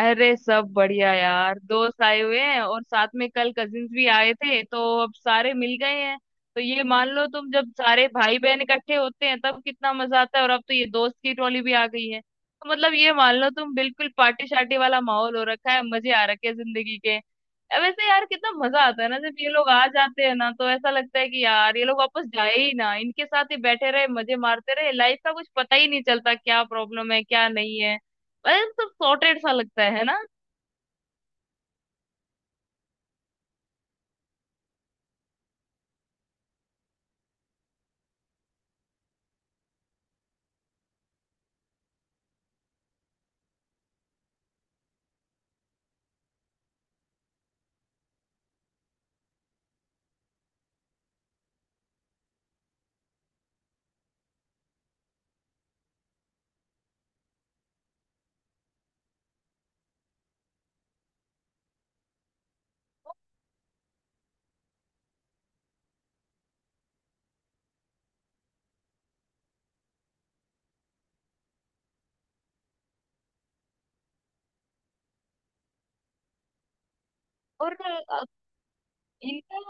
अरे सब बढ़िया यार, दोस्त आए हुए हैं और साथ में कल कजिन्स भी आए थे तो अब सारे मिल गए हैं। तो ये मान लो तुम, जब सारे भाई बहन इकट्ठे होते हैं तब कितना मजा आता है, और अब तो ये दोस्त की टोली भी आ गई है तो मतलब ये मान लो तुम, बिल्कुल पार्टी शार्टी वाला माहौल हो रखा है, मजे आ रखे हैं जिंदगी के। अब वैसे यार कितना मजा आता है ना जब ये लोग आ जाते हैं ना, तो ऐसा लगता है कि यार ये लोग वापस जाए ही ना, इनके साथ ही बैठे रहे, मजे मारते रहे। लाइफ का कुछ पता ही नहीं चलता क्या प्रॉब्लम है क्या नहीं है। अरे सब सॉर्टेड सा लगता है ना। और अ, इनका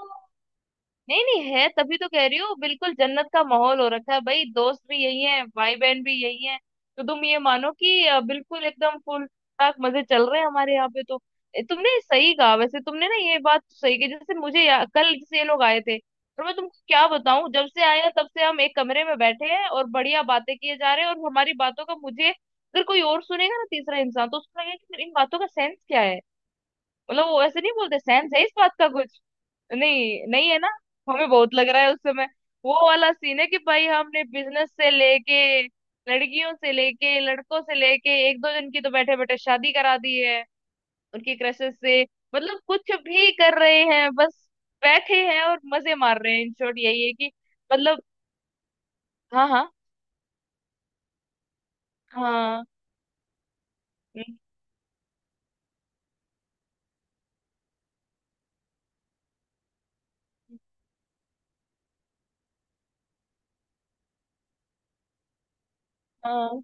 नहीं, नहीं है, तभी तो कह रही हूँ, बिल्कुल जन्नत का माहौल हो रखा है। भाई दोस्त भी यही है, भाई बहन भी यही है। तो तुम ये मानो कि बिल्कुल एकदम फुल ठाक मजे चल रहे हैं हमारे यहाँ पे तो। तुमने सही कहा वैसे, तुमने ना ये बात तो सही की। जैसे मुझे कल जैसे ये लोग आए थे, और मैं तुमको क्या बताऊं, जब से आए हैं तब से हम एक कमरे में बैठे हैं और बढ़िया बातें किए जा रहे हैं। और हमारी बातों का, मुझे अगर कोई और सुनेगा ना, तीसरा इंसान, तो उसको लगेगा कि इन बातों का सेंस क्या है। मतलब वो ऐसे नहीं बोलते, सेंस है इस बात का कुछ? नहीं, नहीं है ना। हमें बहुत लग रहा है उस समय वो वाला सीन है कि भाई, हमने बिजनेस से लेके लड़कियों से लेके लड़कों से लेके एक दो जन की तो बैठे बैठे शादी करा दी है उनकी क्रशेस से। मतलब कुछ भी कर रहे हैं बस, बैठे हैं और मजे मार रहे हैं। इन शॉर्ट यही है कि मतलब, हाँ हाँ हाँ, हम्म, हाँ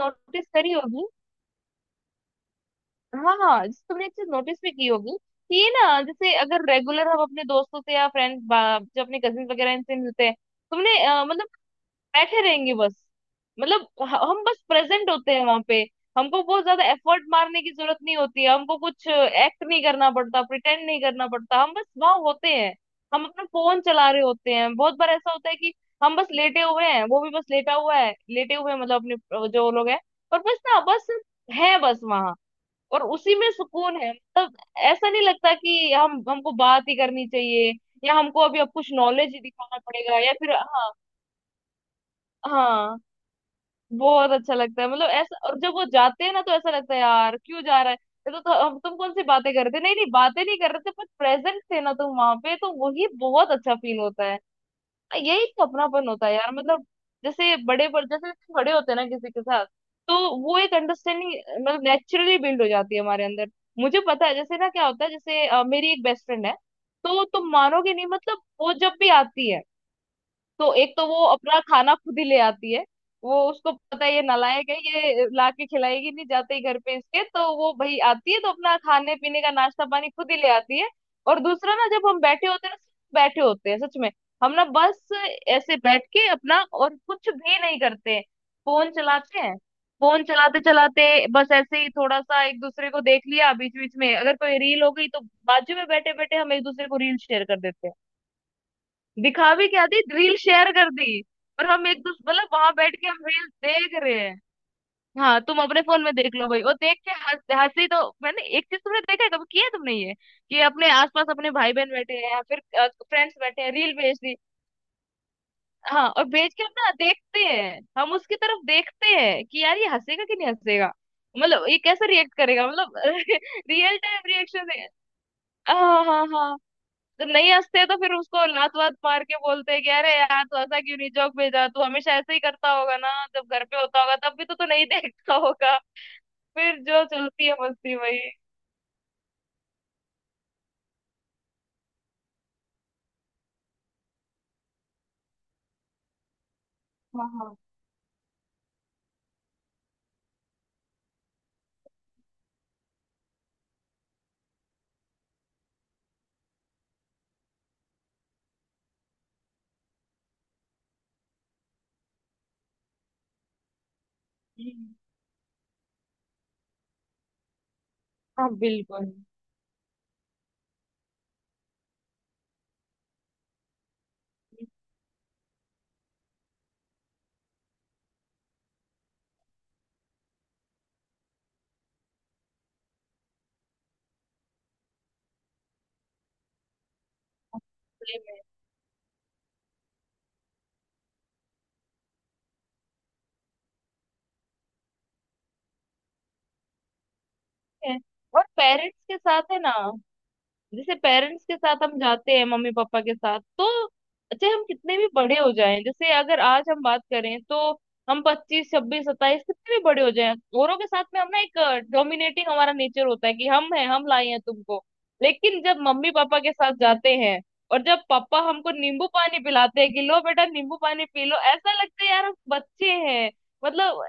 नोटिस करी होगी। हाँ जैसे तुमने एक चीज नोटिस भी की होगी कि ये ना, जैसे अगर रेगुलर हम अपने दोस्तों से या फ्रेंड्स, जो अपने कजिन वगैरह, इनसे मिलते हैं, तुमने मतलब बैठे रहेंगे बस। मतलब हम बस प्रेजेंट होते हैं वहां पे। हमको बहुत ज्यादा एफर्ट मारने की जरूरत नहीं होती है, हमको कुछ एक्ट नहीं करना पड़ता, प्रिटेंड नहीं करना पड़ता, हम बस वहां होते हैं। हम अपना फोन चला रहे होते हैं। बहुत बार ऐसा होता है कि हम बस लेटे हुए हैं, वो भी बस लेटा हुआ है, लेटे हुए हैं मतलब अपने जो लोग हैं, और बस ना बस, है बस वहां, और उसी में सुकून है। मतलब ऐसा नहीं लगता कि हम, हमको बात ही करनी चाहिए या हमको अभी अब कुछ नॉलेज ही दिखाना पड़ेगा या फिर। हाँ, हाँ बहुत अच्छा लगता है। मतलब ऐसा, और जब वो जाते हैं ना तो ऐसा लगता है यार क्यों जा रहा है ये। तो हम तुम कौन सी बातें कर रहे थे? नहीं नहीं, बातें नहीं कर रहे थे, पर प्रेजेंट थे ना तुम वहां पे, तो वही बहुत अच्छा फील होता है। हाँ, यही तो अपनापन होता है यार। मतलब जैसे बड़े, पर जैसे जैसे बड़े होते हैं ना किसी के साथ, तो वो एक अंडरस्टैंडिंग मतलब नेचुरली बिल्ड हो जाती है हमारे अंदर। मुझे पता है जैसे ना क्या होता है, जैसे मेरी एक बेस्ट फ्रेंड है, तो तुम मानोगे नहीं मतलब, वो जब भी आती है तो एक तो वो अपना खाना खुद ही ले आती है। वो, उसको पता है ये नालायक है, ये ला के खिलाएगी नहीं जाते ही घर पे इसके, तो वो भाई आती है तो अपना खाने पीने का नाश्ता पानी खुद ही ले आती है। और दूसरा ना, जब हम बैठे होते हैं ना, सिर्फ बैठे होते हैं सच में, हम ना बस ऐसे बैठ के अपना और कुछ भी नहीं करते हैं, फोन चलाते हैं। फोन चलाते चलाते बस ऐसे ही थोड़ा सा एक दूसरे को देख लिया, बीच बीच में अगर कोई रील हो गई तो बाजू में बैठे बैठे हम एक दूसरे को रील शेयर कर देते हैं। दिखा भी क्या दी, रील शेयर कर दी, और हम एक दूसरे, मतलब वहां बैठ के हम रील देख रहे हैं। हाँ तुम अपने फोन में देख लो भाई, और देख के हंस, हंसी तो। मैंने एक चीज, तुमने देखा है कभी, किया है तुमने ये कि अपने आसपास अपने भाई बहन बैठे हैं या फिर फ्रेंड्स बैठे हैं, रील भेज दी। हाँ, और भेज के हम ना देखते हैं, हम उसकी तरफ देखते हैं कि यार ये हंसेगा कि नहीं हंसेगा, मतलब ये कैसे रिएक्ट करेगा, मतलब रियल टाइम रिएक्शन है। हाँ हाँ हाँ। जब नहीं हंसते तो फिर उसको लात वात मार के बोलते हैं कि अरे यार तू ऐसा क्यों नहीं जोक भेजा, तू हमेशा ऐसे ही करता होगा ना, जब घर पे होता होगा तब भी तो तू नहीं देखता होगा। फिर जो चलती है मस्ती वही। हाँ हाँ, हम्म, हाँ, बिल्कुल सही में। और पेरेंट्स के साथ है ना, जैसे पेरेंट्स के साथ हम जाते हैं मम्मी पापा के साथ, तो चाहे हम कितने भी बड़े हो जाएं, जैसे अगर आज हम बात करें तो हम 25 26 27, कितने भी बड़े हो जाएं, औरों के साथ में हम ना एक डोमिनेटिंग हमारा नेचर होता है कि हम हैं, हम लाए हैं तुमको। लेकिन जब मम्मी पापा के साथ जाते हैं, और जब पापा हमको नींबू पानी पिलाते हैं कि लो बेटा नींबू पानी पी लो, ऐसा लगता है यार हम बच्चे हैं। मतलब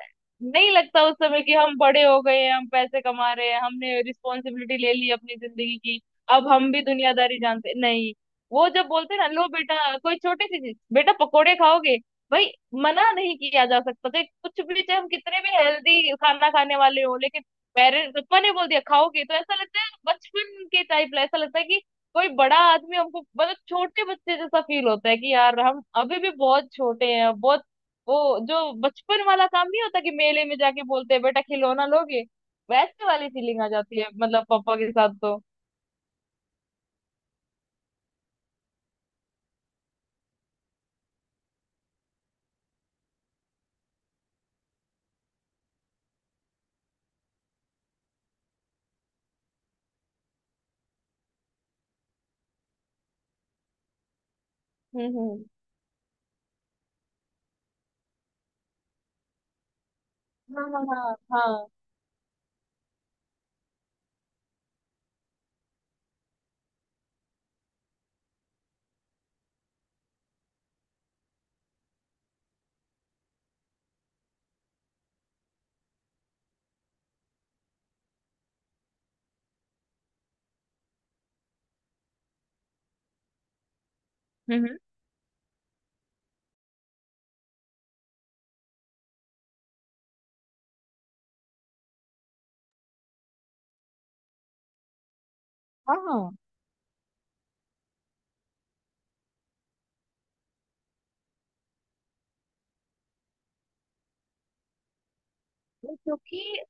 नहीं लगता उस समय कि हम बड़े हो गए हैं, हम पैसे कमा रहे हैं, हमने रिस्पॉन्सिबिलिटी ले ली अपनी जिंदगी की। अब हम भी दुनियादारी जानते नहीं। वो जब बोलते हैं ना, लो बेटा कोई छोटी सी चीज, बेटा पकोड़े खाओगे, भाई मना नहीं किया जा सकता तो कुछ भी, चाहे हम कितने भी हेल्दी खाना खाने वाले हो लेकिन पेरेंट्स, पप्पा ने बोल दिया खाओगे, तो ऐसा लगता है बचपन के टाइप, ऐसा लगता है कि कोई बड़ा आदमी हमको, मतलब छोटे बच्चे जैसा फील होता है कि यार हम अभी भी बहुत छोटे हैं, बहुत। वो जो बचपन वाला काम नहीं होता कि मेले में जाके बोलते हैं बेटा खिलौना लोगे, वैसे वाली फीलिंग आ जाती है मतलब पापा के साथ तो। हम्म, हाँ हाँ हाँ हाँ, हम्म हम्म, हाँ हाँ, वो क्योंकि,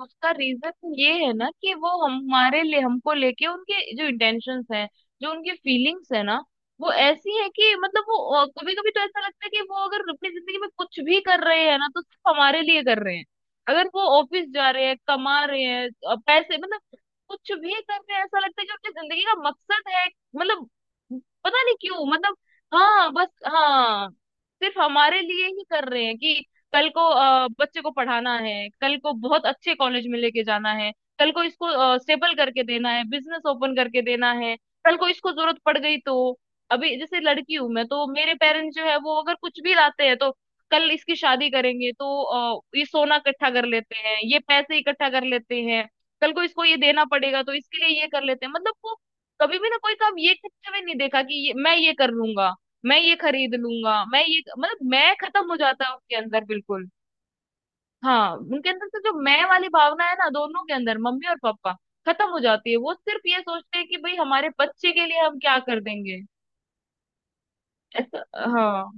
उसका रीजन ये है ना कि वो, हम हमारे लिए, हमको लेके उनके जो इंटेंशंस हैं, जो उनकी फीलिंग्स है ना, वो ऐसी है कि मतलब, वो कभी कभी तो ऐसा लगता है कि वो अगर अपनी जिंदगी में कुछ भी कर रहे हैं ना तो सिर्फ हमारे लिए कर रहे हैं। अगर वो ऑफिस जा रहे हैं, कमा रहे हैं पैसे, मतलब कुछ भी कर रहे हैं, ऐसा लगता है कि उनकी जिंदगी का मकसद है, मतलब पता नहीं क्यों, मतलब, हाँ बस, हाँ सिर्फ हमारे लिए ही कर रहे हैं कि कल को बच्चे को पढ़ाना है, कल को बहुत अच्छे कॉलेज में लेके जाना है, कल को इसको स्टेबल करके देना है, बिजनेस ओपन करके देना है, कल को इसको जरूरत पड़ गई तो, अभी जैसे लड़की हूं मैं, तो मेरे पेरेंट्स जो है वो अगर कुछ भी लाते हैं तो, कल इसकी शादी करेंगे तो ये सोना इकट्ठा कर लेते हैं, ये पैसे इकट्ठा कर लेते हैं, कल को इसको ये देना पड़ेगा तो इसके लिए ये कर लेते हैं। मतलब वो कभी भी ना कोई काम ये करते हुए नहीं देखा कि मैं ये कर लूंगा, मैं ये खरीद लूंगा, मैं ये, मतलब मैं खत्म हो जाता है उनके अंदर बिल्कुल। हाँ, उनके अंदर से जो मैं वाली भावना है ना, दोनों के अंदर मम्मी और पापा, खत्म हो जाती है। वो सिर्फ ये सोचते हैं कि भाई हमारे बच्चे के लिए हम क्या कर देंगे। ऐसा, हाँ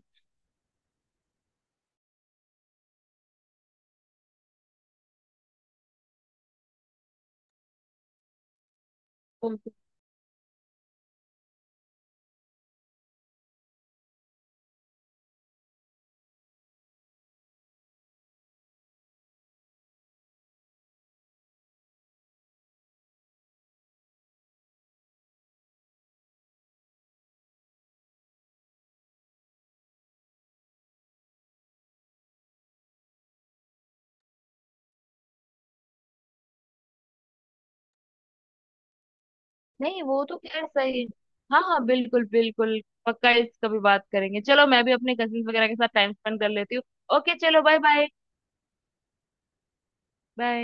बिल्कुल, नहीं वो तो खैर सही है। हाँ हाँ बिल्कुल बिल्कुल, पक्का इस कभी बात करेंगे। चलो मैं भी अपने कजिन वगैरह के साथ टाइम स्पेंड कर लेती हूँ। ओके चलो, बाय बाय, बाय।